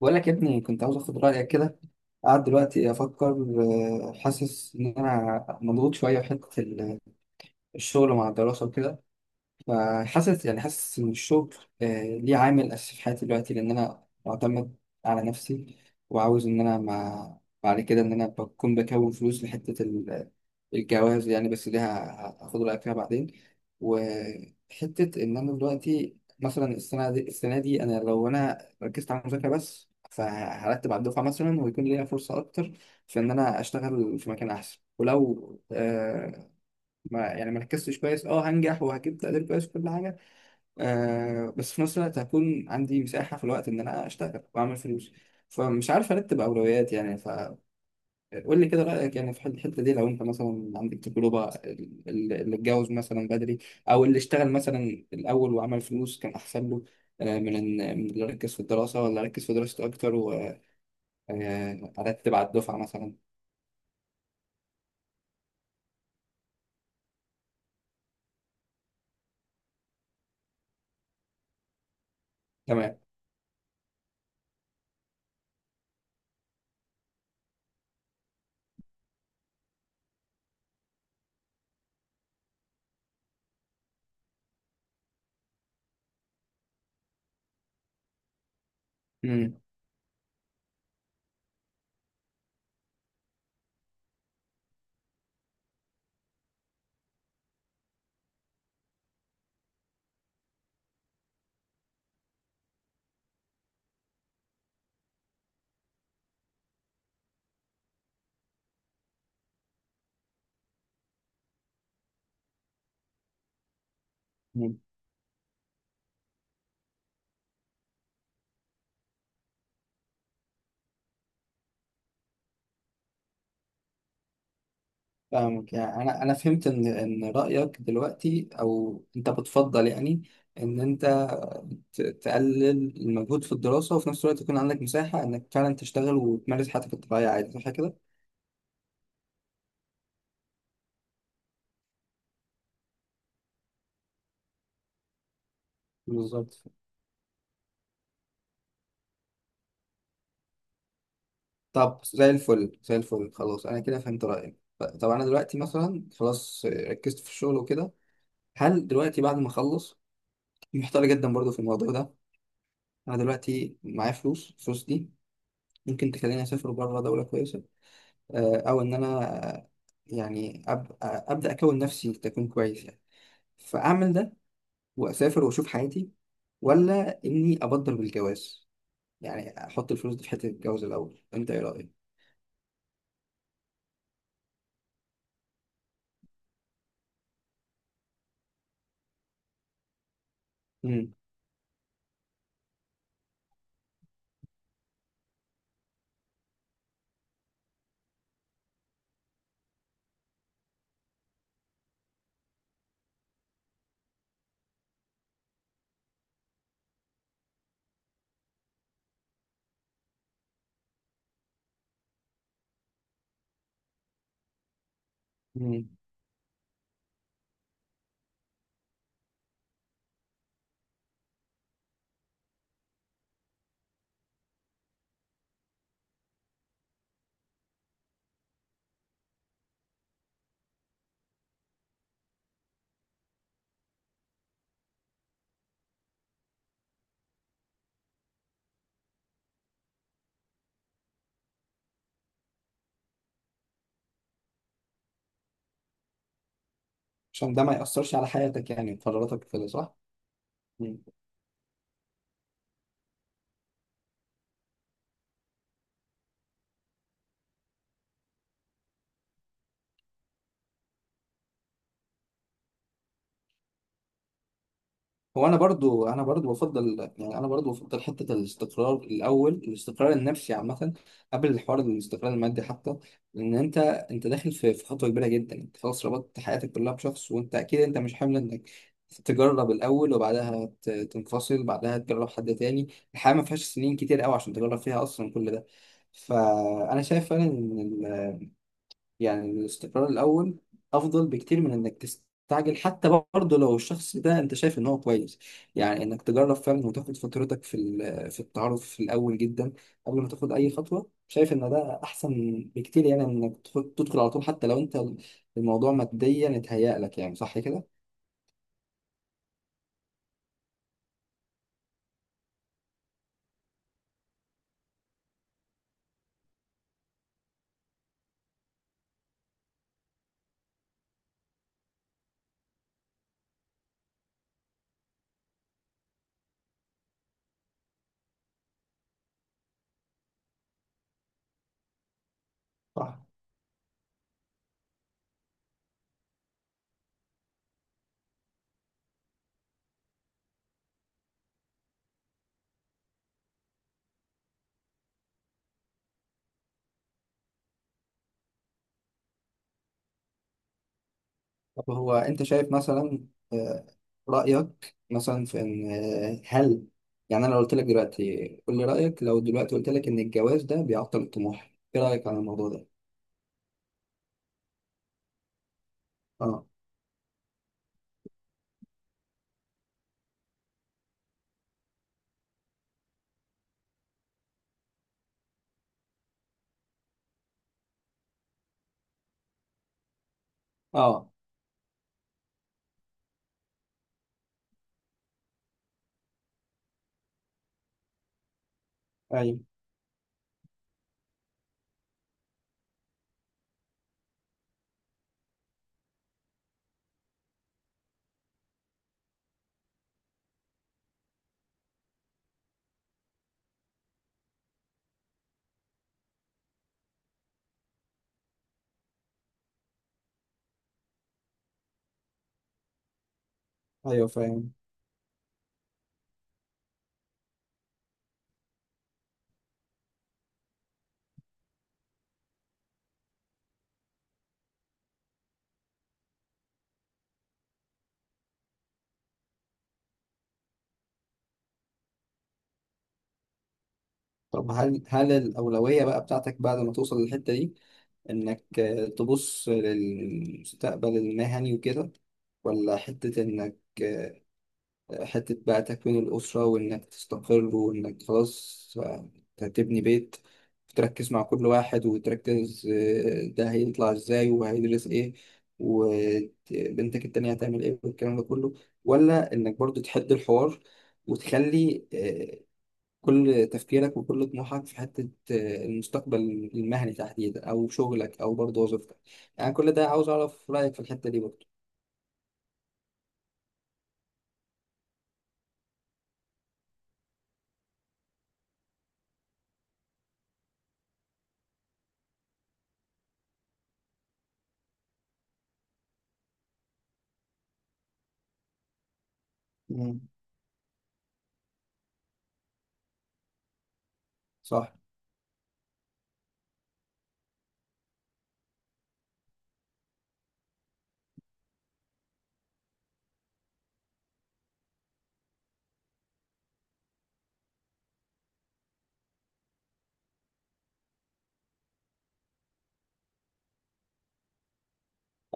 بقول لك يا ابني، كنت عاوز اخد رايك كده. قاعد دلوقتي افكر. حاسس ان انا مضغوط شويه في حته الشغل مع الدراسه وكده. فحاسس يعني حاسس إن الشغل ليه عامل أساسي في حياتي دلوقتي، لأن أنا معتمد على نفسي. وعاوز إن أنا مع بعد كده إن أنا بكون فلوس لحتة الجواز يعني، بس دي هاخد رأيك فيها بعدين. وحتة إن أنا دلوقتي مثلا السنة دي أنا لو أنا ركزت على المذاكرة بس فهرتب على الدفعة مثلا، ويكون ليا فرصة أكتر في إن أنا أشتغل في مكان أحسن. ولو ما يعني ما ركزتش كويس اه هنجح وهجيب تقدير كويس وكل حاجه. بس في نفس الوقت هكون عندي مساحه في الوقت ان انا اشتغل واعمل فلوس. فمش عارف ارتب اولويات يعني. فقول لي كده رايك يعني في الحته دي، لو انت مثلا عندك تجربه اللي اتجوز مثلا بدري، او اللي اشتغل مثلا الاول وعمل فلوس كان احسن له، من ان من اللي ركز في الدراسه، ولا ركز في دراسته اكتر وارتب على الدفعه مثلا. تمام. مم. فاهمك يعني. انا فهمت ان رايك دلوقتي، او انت بتفضل يعني ان انت تقلل المجهود في الدراسه، وفي نفس الوقت يكون عندك مساحه انك فعلا تشتغل وتمارس حياتك الطبيعيه عادي، صح كده؟ بالظبط. طب زي الفل زي الفل، خلاص انا كده فهمت رايك. طب انا دلوقتي مثلا خلاص ركزت في الشغل وكده. هل دلوقتي بعد ما اخلص، محتار جدا برضو في الموضوع ده. انا دلوقتي معايا فلوس. الفلوس دي ممكن تخليني اسافر بره دوله كويسه، او ان انا يعني ابدا اكون نفسي تكون كويس يعني، فاعمل ده واسافر واشوف حياتي. ولا اني ابدر بالجواز يعني، احط الفلوس دي في حته الجواز الاول. انت ايه رايك؟ امم. عشان ده ما ياثرش على حياتك يعني قراراتك كده، صح؟ هو انا برضو انا برضو بفضل يعني، انا برضو بفضل حته الاستقرار الاول، الاستقرار النفسي عامه قبل الحوار، الاستقرار المادي حتى. لان انت داخل في خطوه كبيره جدا، انت خلاص ربطت حياتك كلها بشخص، وانت اكيد انت مش حامل انك تجرب الاول وبعدها تنفصل بعدها تجرب حد تاني. الحياه ما فيهاش سنين كتير قوي عشان تجرب فيها اصلا كل ده. فانا شايف فعلا يعني الاستقرار الأول أفضل بكتير من إنك تستعجل، حتى برضه لو الشخص ده أنت شايف إن هو كويس يعني، إنك تجرب فعلا وتاخد فترتك في في التعرف في الأول جدا قبل ما تاخد أي خطوة. شايف إن ده أحسن بكتير يعني، من إنك تدخل على طول، حتى لو أنت الموضوع ماديا اتهيأ لك يعني، صح كده؟ صح. طب هو انت شايف مثلا، آه، رأيك مثلا في ان هل يعني انا لو قلت لك دلوقتي قول لي رأيك. لو دلوقتي قلت لك ان الجواز ده بيعطل الطموح، ايه رأيك عن الموضوع ده؟ اه. اه. ايوه. ايوه فاهم. طب هل الأولوية بقى بتاعتك بعد ما توصل للحتة دي، انك تبص للمستقبل المهني وكده، ولا حتة انك آه، حتة بقى تكوين الأسرة، وإنك تستقر وإنك خلاص هتبني بيت، تركز مع كل واحد وتركز ده هيطلع إزاي وهيدرس إيه وبنتك التانية هتعمل إيه والكلام ده كله، ولا إنك برضو تحد الحوار وتخلي كل تفكيرك وكل طموحك في حتة المستقبل المهني تحديدا، أو شغلك أو برضو وظيفتك. يعني كل ده عاوز أعرف رأيك في الحتة دي برضو. مم. صح.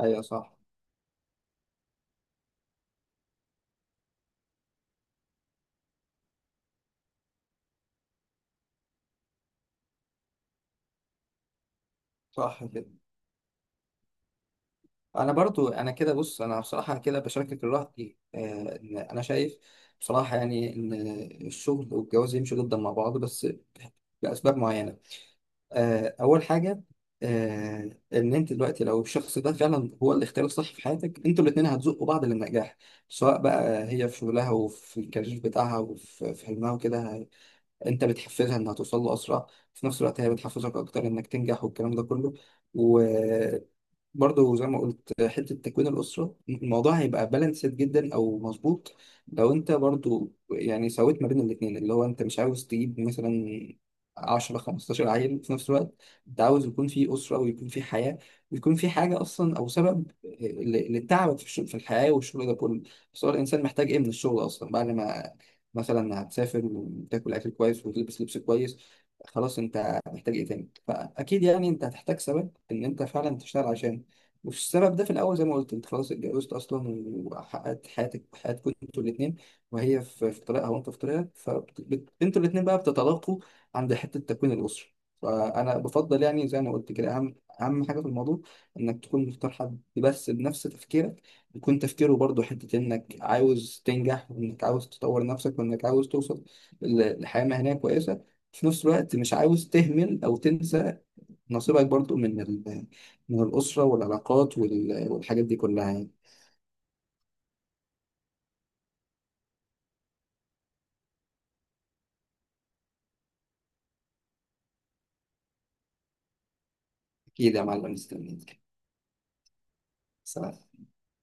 أيوة صح. صح كده. انا برضو انا كده بص، انا بصراحه كده بشاركك الراي، إن انا شايف بصراحه يعني ان الشغل والجواز يمشوا جدا مع بعض، بس لاسباب معينه. اول حاجه، ان انت دلوقتي لو الشخص ده فعلا هو الاختيار الصح في حياتك، انتوا الاثنين هتزقوا بعض للنجاح، سواء بقى هي في شغلها وفي الكارير بتاعها وفي حلمها وكده. انت بتحفزها انها توصل له اسرع، في نفس الوقت هي بتحفزك اكتر انك تنجح والكلام ده كله. برضه زي ما قلت حتة تكوين الأسرة، الموضوع هيبقى بالانسد جدا أو مظبوط لو أنت برضه يعني سويت ما بين الاتنين، اللي هو أنت مش عاوز تجيب مثلا 10 15 عيل في نفس الوقت. أنت عاوز يكون في أسرة، ويكون في حياة، ويكون في حاجة أصلا، أو سبب لتعبك في الشغل في الحياة والشغل ده كله. بس هو الإنسان محتاج إيه من الشغل أصلا بعد ما، مثلا، هتسافر وتاكل أكل كويس وتلبس لبس كويس. خلاص أنت محتاج إيه تاني؟ فأكيد يعني أنت هتحتاج سبب إن أنت فعلا تشتغل عشان، وفي السبب ده في الأول زي ما قلت، أنت خلاص اتجوزت أصلا وحققت حياتك حياتكم أنتوا الاتنين، وهي في طريقها وأنت في طريقك، فأنتوا الاتنين بقى بتتلاقوا عند حتة تكوين الأسرة. فأنا بفضل يعني زي ما قلت كده، أهم حاجة في الموضوع إنك تكون مختار حد بس بنفس تفكيرك، يكون تفكيره برضه حتة إنك عاوز تنجح وإنك عاوز تطور نفسك وإنك عاوز توصل لحياة مهنية كويسة، في نفس الوقت مش عاوز تهمل أو تنسى نصيبك برضو من من الأسرة والعلاقات والحاجات دي كلها يعني. أكيد يا معلم، مستنيك. سلام.